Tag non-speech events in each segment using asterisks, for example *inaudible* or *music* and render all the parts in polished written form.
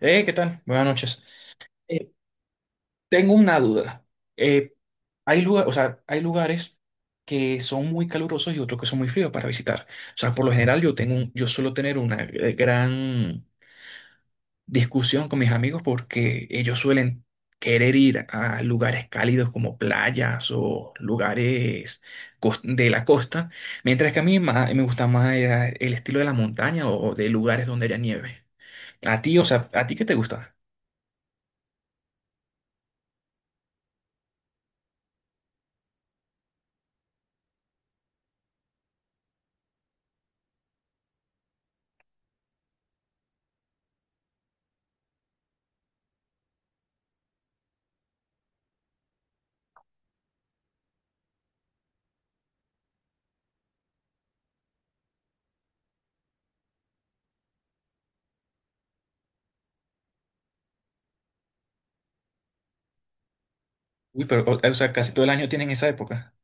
¿Qué tal? Buenas noches. Eh, Tengo una duda. Eh, Hay hay lugares que son muy calurosos y otros que son muy fríos para visitar. O sea, por lo general yo tengo, yo suelo tener una gran discusión con mis amigos porque ellos suelen querer ir a lugares cálidos como playas o lugares de la costa, mientras que a mí, me gusta más el estilo de la montaña o de lugares donde haya nieve. A ti, o sea, ¿a ti qué te gusta? Uy, pero, o sea, casi todo el año tienen esa época.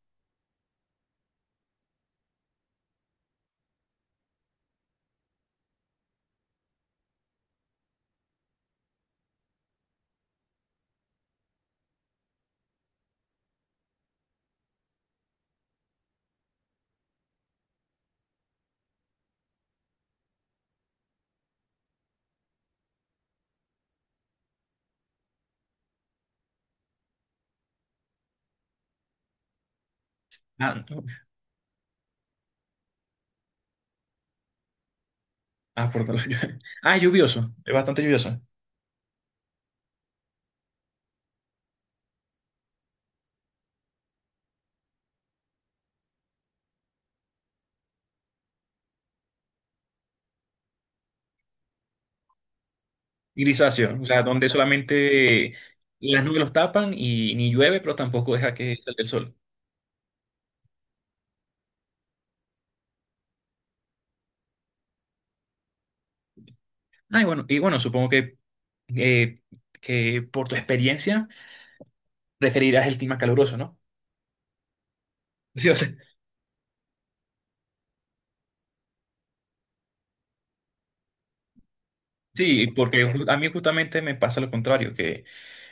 Ah, no. Ah, por todo el *laughs* Ah, es lluvioso, es bastante lluvioso. Grisáceo, o sea, donde solamente las nubes los tapan y ni llueve, pero tampoco deja que salga el sol. Ah, y bueno, supongo eh, que por tu experiencia preferirás el clima caluroso, ¿no? *laughs* Yo sé. Sí, porque a mí justamente me pasa lo contrario, que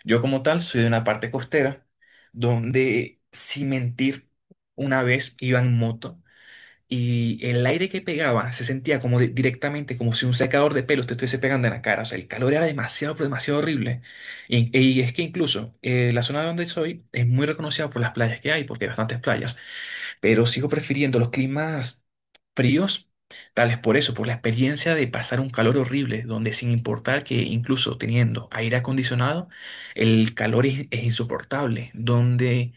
yo como tal soy de una parte costera donde, sin mentir, una vez iba en moto. Y el aire que pegaba se sentía como directamente, como si un secador de pelos te estuviese pegando en la cara. O sea, el calor era demasiado, pero demasiado horrible. Y es que incluso la zona donde soy es muy reconocida por las playas que hay, porque hay bastantes playas pero sigo prefiriendo los climas fríos, tal vez por eso, por la experiencia de pasar un calor horrible, donde sin importar que incluso teniendo aire acondicionado, el calor es insoportable, donde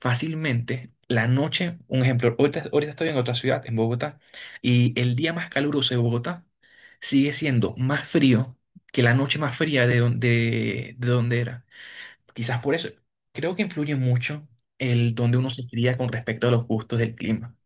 fácilmente la noche, un ejemplo, ahorita estoy en otra ciudad, en Bogotá, y el día más caluroso de Bogotá sigue siendo más frío que la noche más fría de donde, de donde era. Quizás por eso. Creo que influye mucho el donde uno se cría con respecto a los gustos del clima.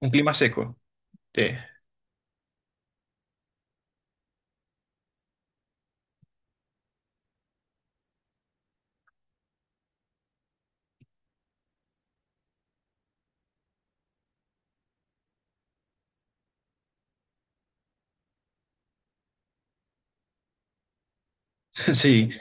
Un clima seco. eh, *laughs* Sí.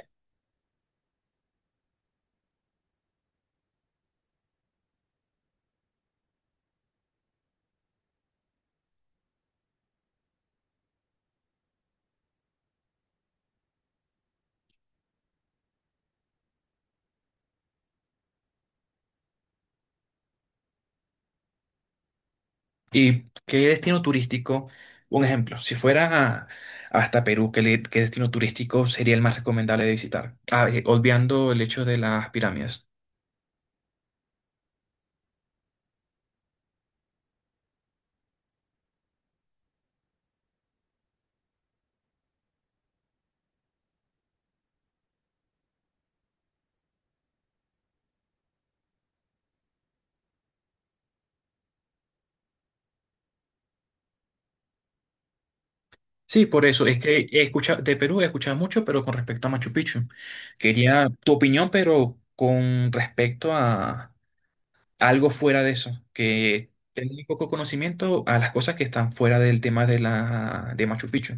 ¿Y qué destino turístico? Un ejemplo, si fuera a- hasta Perú, ¿qué destino turístico sería el más recomendable de visitar? Ah, olvidando el hecho de las pirámides. Sí, por eso es que he escuchado de Perú he escuchado mucho, pero con respecto a Machu Picchu. Quería tu opinión, pero con respecto a algo fuera de eso, que tenga muy poco conocimiento a las cosas que están fuera del tema de la de Machu Picchu.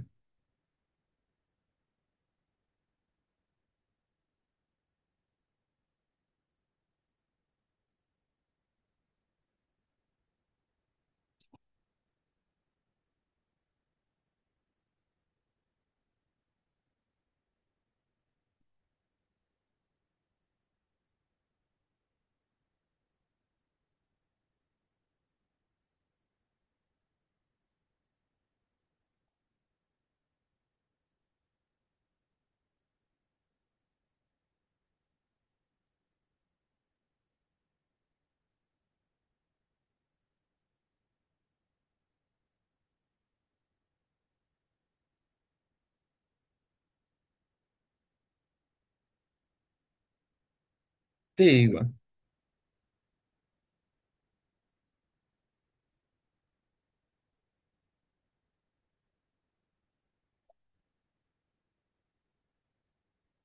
Sí, bueno,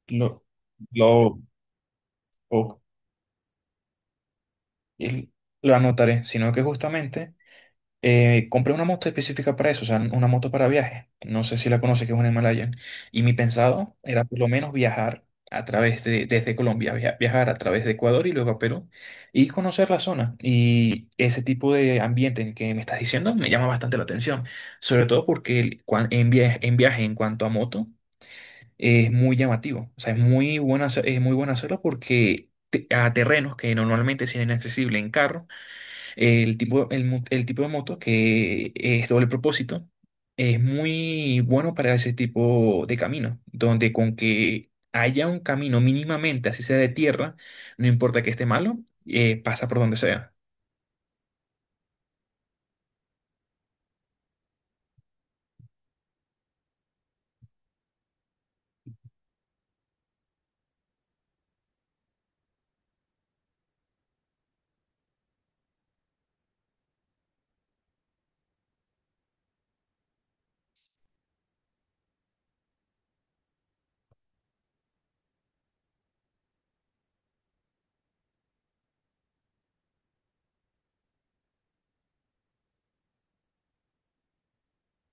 lo, lo, o- el- lo anotaré, sino que justamente compré una moto específica para eso, o sea, una moto para viaje. No sé si la conoces, que es una Himalayan. Y mi pensado era por lo menos viajar a través de, desde Colombia, viajar a través de Ecuador y luego a Perú y conocer la zona. Y ese tipo de ambiente en el que me estás diciendo me llama bastante la atención, sobre todo porque en viaje, en viaje en cuanto a moto es muy llamativo. O sea, es muy bueno hacerlo porque a terrenos que normalmente son inaccesibles en carro el tipo de moto que es doble propósito es muy bueno para ese tipo de camino, donde con que haya un camino mínimamente, así sea de tierra, no importa que esté malo, pasa por donde sea.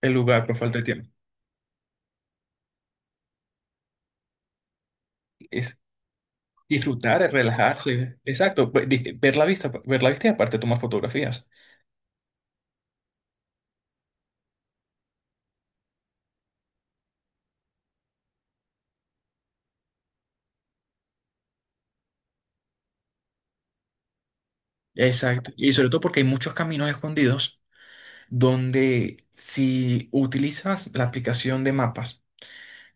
El lugar por falta de tiempo. Es disfrutar, es relajarse. Exacto, ver la vista y aparte tomar fotografías. Exacto. Y sobre todo porque hay muchos caminos escondidos donde si utilizas la aplicación de mapas,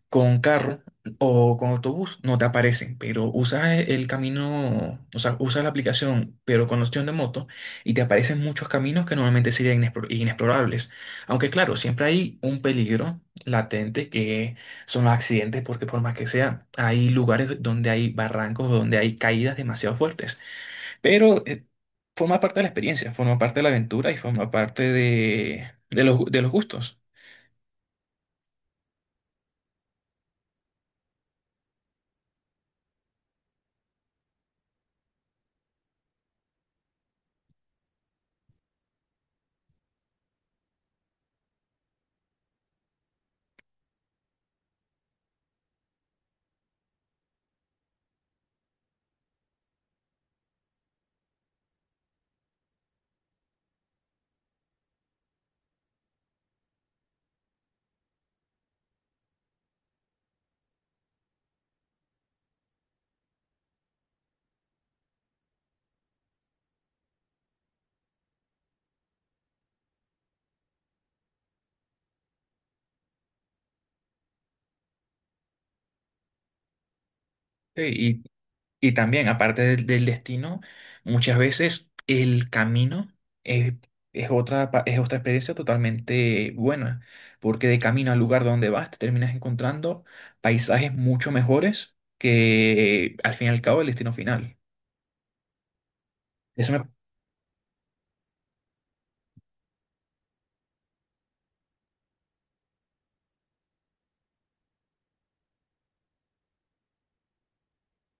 con carro o con autobús no te aparecen, pero usa el camino, o sea, usa la aplicación, pero con la opción de moto, y te aparecen muchos caminos que normalmente serían inexplorables. Aunque claro, siempre hay un peligro latente que son los accidentes, porque por más que sea, hay lugares donde hay barrancos, donde hay caídas demasiado fuertes. Pero forma parte de la experiencia, forma parte de la aventura y forma parte de los gustos. Sí, y también, aparte del destino, muchas veces el camino es, es otra, es otra experiencia totalmente buena, porque de camino al lugar donde vas te terminas encontrando paisajes mucho mejores que al fin y al cabo el destino final. Eso me,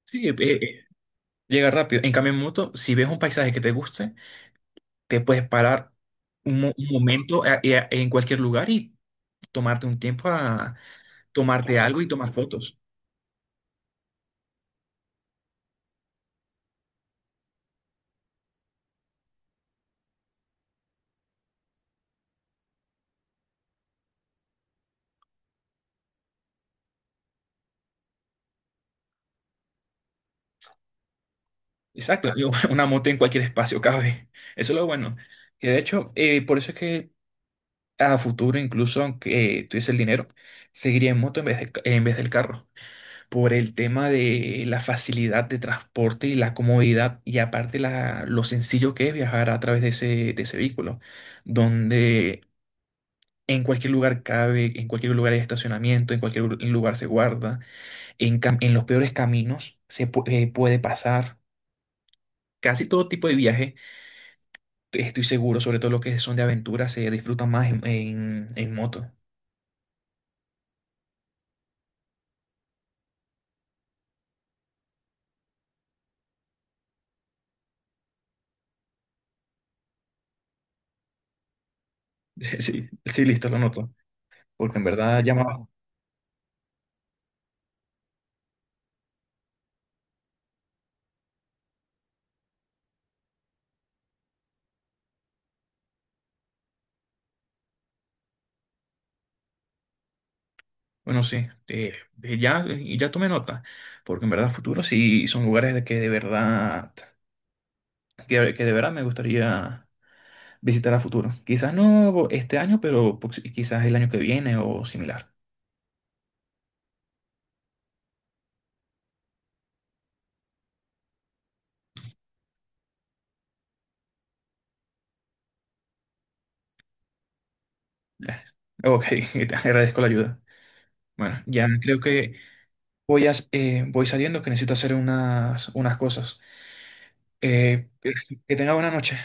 sí, llega rápido. En cambio, en moto, si ves un paisaje que te guste, te puedes parar un momento en cualquier lugar y tomarte un tiempo a tomarte algo y tomar fotos. Exacto, *laughs* y una moto en cualquier espacio cabe. Eso es lo bueno. Que de hecho, por eso es que a futuro, incluso aunque tuviese el dinero, seguiría en moto en vez del carro. Por el tema de la facilidad de transporte y la comodidad, y aparte lo sencillo que es viajar a través de de ese vehículo, donde en cualquier lugar cabe, en cualquier lugar hay estacionamiento, en cualquier lugar se guarda, en los peores caminos puede pasar. Casi todo tipo de viaje estoy seguro, sobre todo los que son de aventura, se disfrutan más en moto. *laughs* Sí, sí, listo, lo noto. Porque en verdad ya más, bueno, sí, eh, ya tomé nota. Porque en verdad futuro sí son lugares de que de verdad, que de verdad me gustaría visitar a futuro. Quizás no este año, pero pues, quizás el año que viene o similar. Eh, Ok, *laughs* te agradezco la ayuda. Bueno, ya creo que voy saliendo que necesito hacer unas cosas. Eh, que tenga buena noche.